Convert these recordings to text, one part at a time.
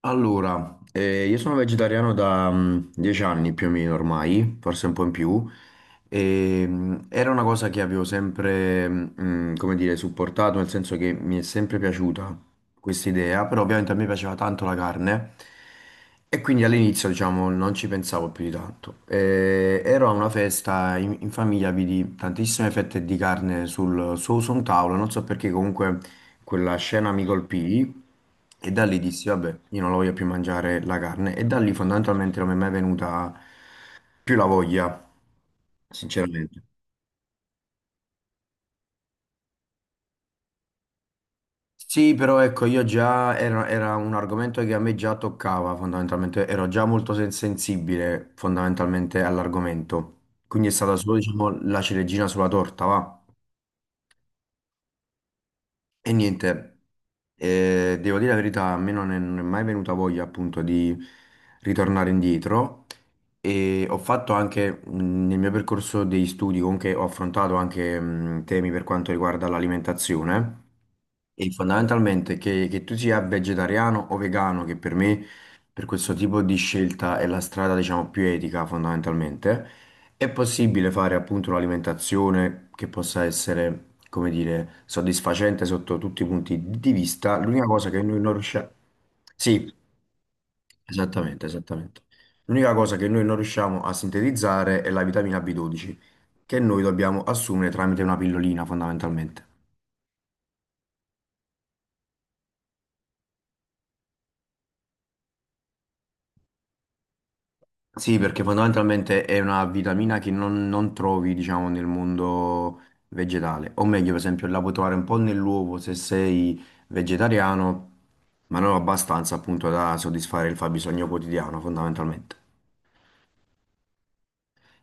Allora, io sono vegetariano da 10 anni più o meno ormai, forse un po' in più, e, era una cosa che avevo sempre, come dire, supportato, nel senso che mi è sempre piaciuta questa idea, però ovviamente a me piaceva tanto la carne e quindi all'inizio, diciamo, non ci pensavo più di tanto. Ero a una festa in famiglia, vidi tantissime fette di carne sul, su su un tavolo, non so perché comunque quella scena mi colpì e da lì dissi, vabbè, io non la voglio più mangiare la carne e da lì fondamentalmente non mi è mai venuta più la voglia, sinceramente. Sì, però ecco, io già era un argomento che a me già toccava fondamentalmente, ero già molto sensibile fondamentalmente all'argomento, quindi è stata solo, diciamo, la ciliegina sulla torta, va? E niente, devo dire la verità, a me non è mai venuta voglia appunto di ritornare indietro e ho fatto anche nel mio percorso degli studi, comunque ho affrontato anche temi per quanto riguarda l'alimentazione e fondamentalmente che tu sia vegetariano o vegano, che per me per questo tipo di scelta è la strada diciamo più etica fondamentalmente. È possibile fare appunto un'alimentazione che possa essere, come dire, soddisfacente sotto tutti i punti di vista. L'unica cosa che noi non riusciamo... Sì, esattamente, esattamente. L'unica cosa che noi non riusciamo a sintetizzare è la vitamina B12, che noi dobbiamo assumere tramite una pillolina fondamentalmente. Sì, perché fondamentalmente è una vitamina che non trovi, diciamo, nel mondo vegetale. O meglio, per esempio, la puoi trovare un po' nell'uovo se sei vegetariano, ma non abbastanza appunto da soddisfare il fabbisogno quotidiano, fondamentalmente.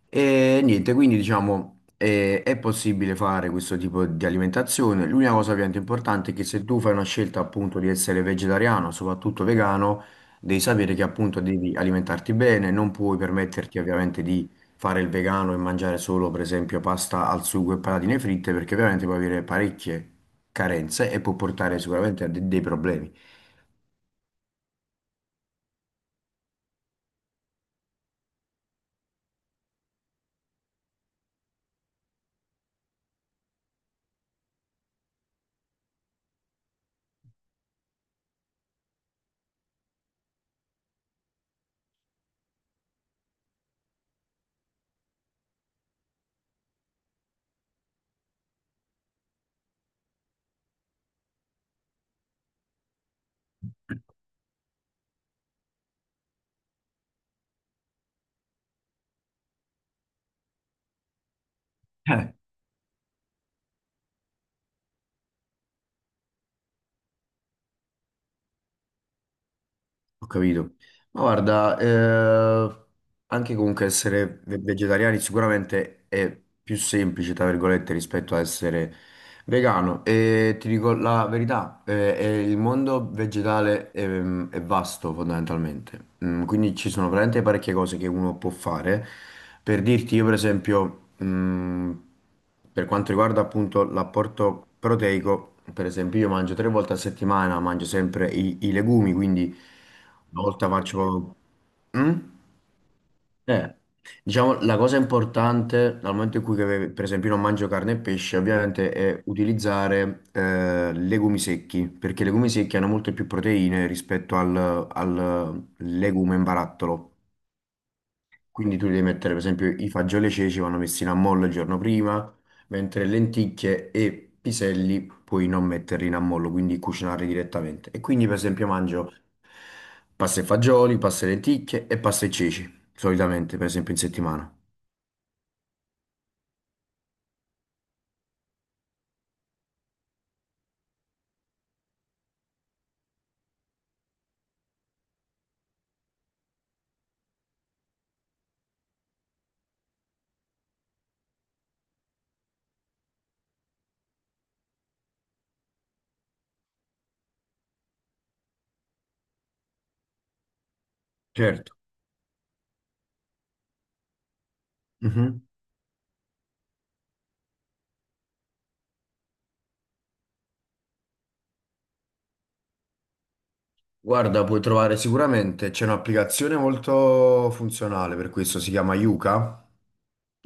E niente, quindi diciamo è possibile fare questo tipo di alimentazione. L'unica cosa ovviamente importante è che se tu fai una scelta appunto di essere vegetariano, soprattutto vegano, devi sapere che appunto devi alimentarti bene, non puoi permetterti ovviamente di fare il vegano e mangiare solo per esempio pasta al sugo e patatine fritte perché ovviamente puoi avere parecchie carenze e può portare sicuramente a dei problemi. Ho capito. Ma guarda, anche comunque essere vegetariani sicuramente è più semplice, tra virgolette, rispetto a essere vegano. E ti dico la verità, il mondo vegetale è vasto fondamentalmente. Quindi ci sono veramente parecchie cose che uno può fare. Per dirti, io per esempio... per quanto riguarda appunto l'apporto proteico, per esempio io mangio tre volte a settimana, mangio sempre i legumi, quindi una volta faccio... Mm? Eh, diciamo, la cosa importante dal momento in cui, che, per esempio, io non mangio carne e pesce, ovviamente è utilizzare legumi secchi, perché i legumi secchi hanno molte più proteine rispetto al legume in barattolo. Quindi tu devi mettere, per esempio, i fagioli e i ceci vanno messi in ammollo il giorno prima, mentre lenticchie e piselli puoi non metterli in ammollo, quindi cucinarli direttamente. E quindi, per esempio, mangio pasta e fagioli, pasta e lenticchie e pasta e ceci, solitamente, per esempio, in settimana. Certo. Mhm. Guarda, puoi trovare sicuramente, c'è un'applicazione molto funzionale per questo, si chiama Yuka,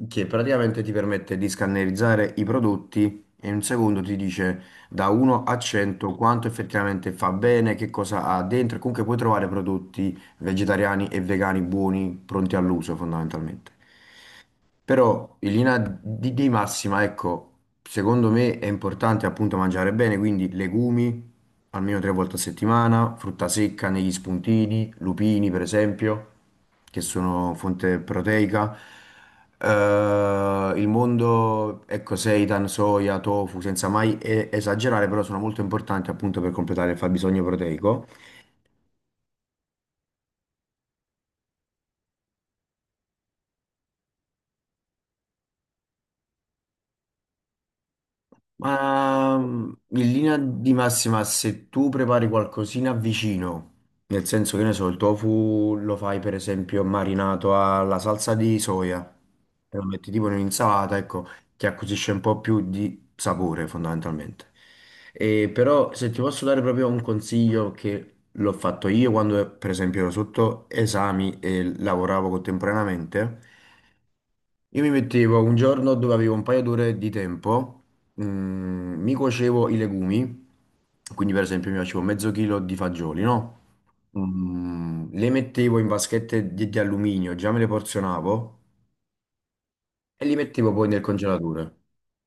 che praticamente ti permette di scannerizzare i prodotti e in un secondo ti dice da 1 a 100 quanto effettivamente fa bene, che cosa ha dentro e comunque puoi trovare prodotti vegetariani e vegani buoni, pronti all'uso fondamentalmente. Però in linea di massima, ecco, secondo me è importante appunto mangiare bene, quindi legumi almeno tre volte a settimana, frutta secca negli spuntini, lupini per esempio, che sono fonte proteica. Il mondo, ecco, seitan, soia, tofu, senza mai esagerare, però sono molto importanti appunto per completare il fabbisogno proteico. Ma in linea di massima, se tu prepari qualcosina vicino, nel senso che ne so, il tofu lo fai per esempio marinato alla salsa di soia, e lo metti tipo in un'insalata, ecco, ti acquisisce un po' più di sapore fondamentalmente. E però se ti posso dare proprio un consiglio che l'ho fatto io quando per esempio ero sotto esami e lavoravo contemporaneamente, io mi mettevo un giorno dove avevo un paio d'ore di tempo, mi cuocevo i legumi, quindi per esempio mi facevo mezzo chilo di fagioli, no? Le mettevo in vaschette di alluminio, già me le porzionavo, e li mettevo poi nel congelatore.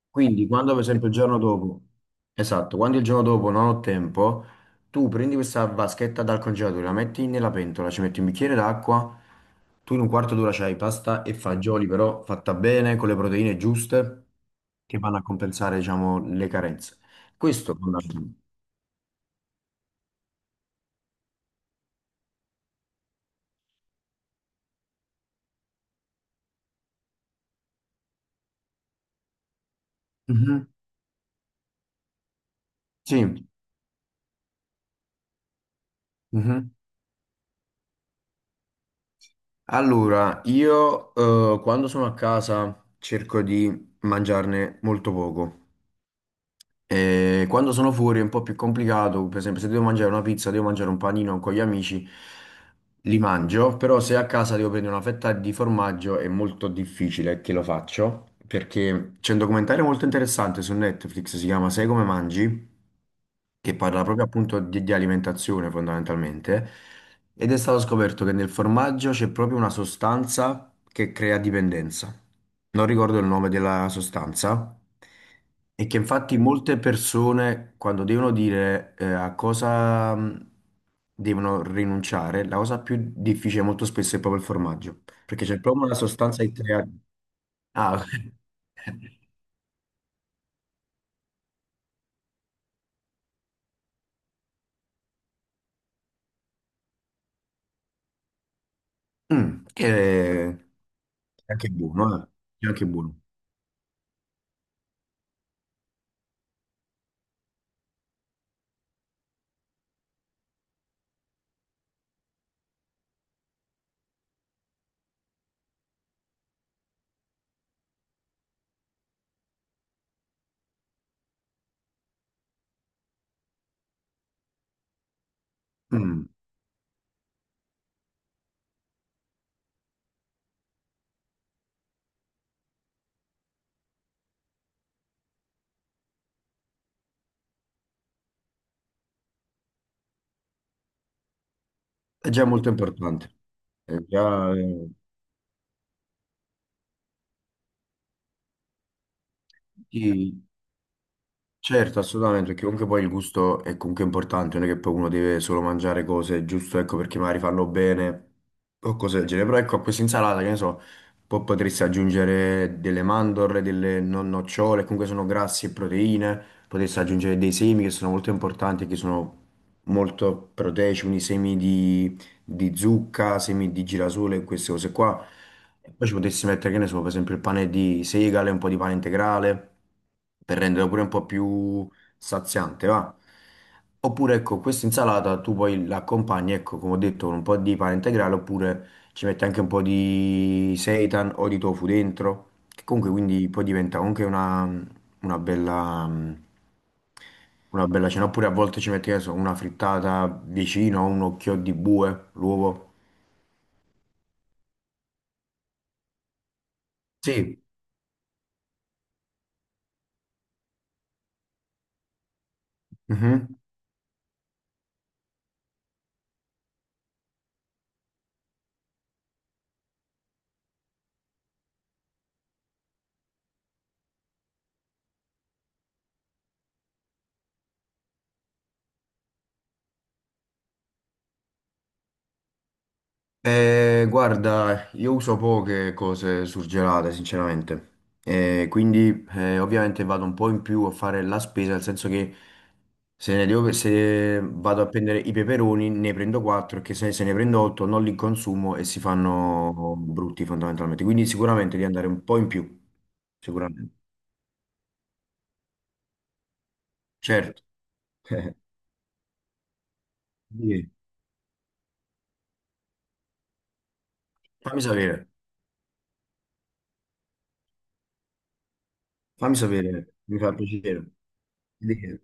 Quindi, quando per esempio il giorno dopo, esatto, quando il giorno dopo non ho tempo, tu prendi questa vaschetta dal congelatore, la metti nella pentola, ci metti un bicchiere d'acqua, tu in un quarto d'ora c'hai pasta e fagioli, però fatta bene, con le proteine giuste, che vanno a compensare, diciamo, le carenze. Questo fondamentalmente. Mhm. Sì. Mhm. Allora, io quando sono a casa cerco di mangiarne molto poco. E quando sono fuori è un po' più complicato, per esempio se devo mangiare una pizza, devo mangiare un panino con gli amici, li mangio, però se a casa devo prendere una fetta di formaggio è molto difficile che lo faccio, perché c'è un documentario molto interessante su Netflix, si chiama Sei come mangi, che parla proprio appunto di alimentazione fondamentalmente, ed è stato scoperto che nel formaggio c'è proprio una sostanza che crea dipendenza. Non ricordo il nome della sostanza, e che infatti molte persone quando devono dire a cosa devono rinunciare, la cosa più difficile molto spesso è proprio il formaggio, perché c'è proprio una sostanza che crea... Ah, Che è anche buono, eh. È anche buono. Mm. È già molto importante, è già, sì, certo, assolutamente, perché comunque poi il gusto è comunque importante, non è che poi uno deve solo mangiare cose, giusto, ecco, perché magari fanno bene o cose del genere, però ecco, a questa insalata, che ne so, poi potresti aggiungere delle mandorle, delle non nocciole, comunque sono grassi e proteine, potresti aggiungere dei semi che sono molto importanti, che sono molto proteici, quindi semi di zucca, semi di girasole e queste cose qua. E poi ci potessi mettere, che ne so, per esempio il pane di segale, un po' di pane integrale, per renderlo pure un po' più saziante, va? Oppure, ecco, questa insalata tu poi l'accompagni, ecco, come ho detto, con un po' di pane integrale, oppure ci metti anche un po' di seitan o di tofu dentro, che comunque quindi poi diventa anche una bella, mm, una bella cena. Oppure a volte ci metti, che ne so, una frittata vicino, un occhio di bue, l'uovo. Sì. Mhm. Guarda, io uso poche cose surgelate, sinceramente. Quindi ovviamente vado un po' in più a fare la spesa, nel senso che se ne devo- se vado a prendere i peperoni ne prendo 4, perché se ne prendo 8 non li consumo e si fanno brutti fondamentalmente. Quindi sicuramente di andare un po' in più, sicuramente. Certo. Di che? Fammi sapere, fammi sapere, mi fa piacere. Di che?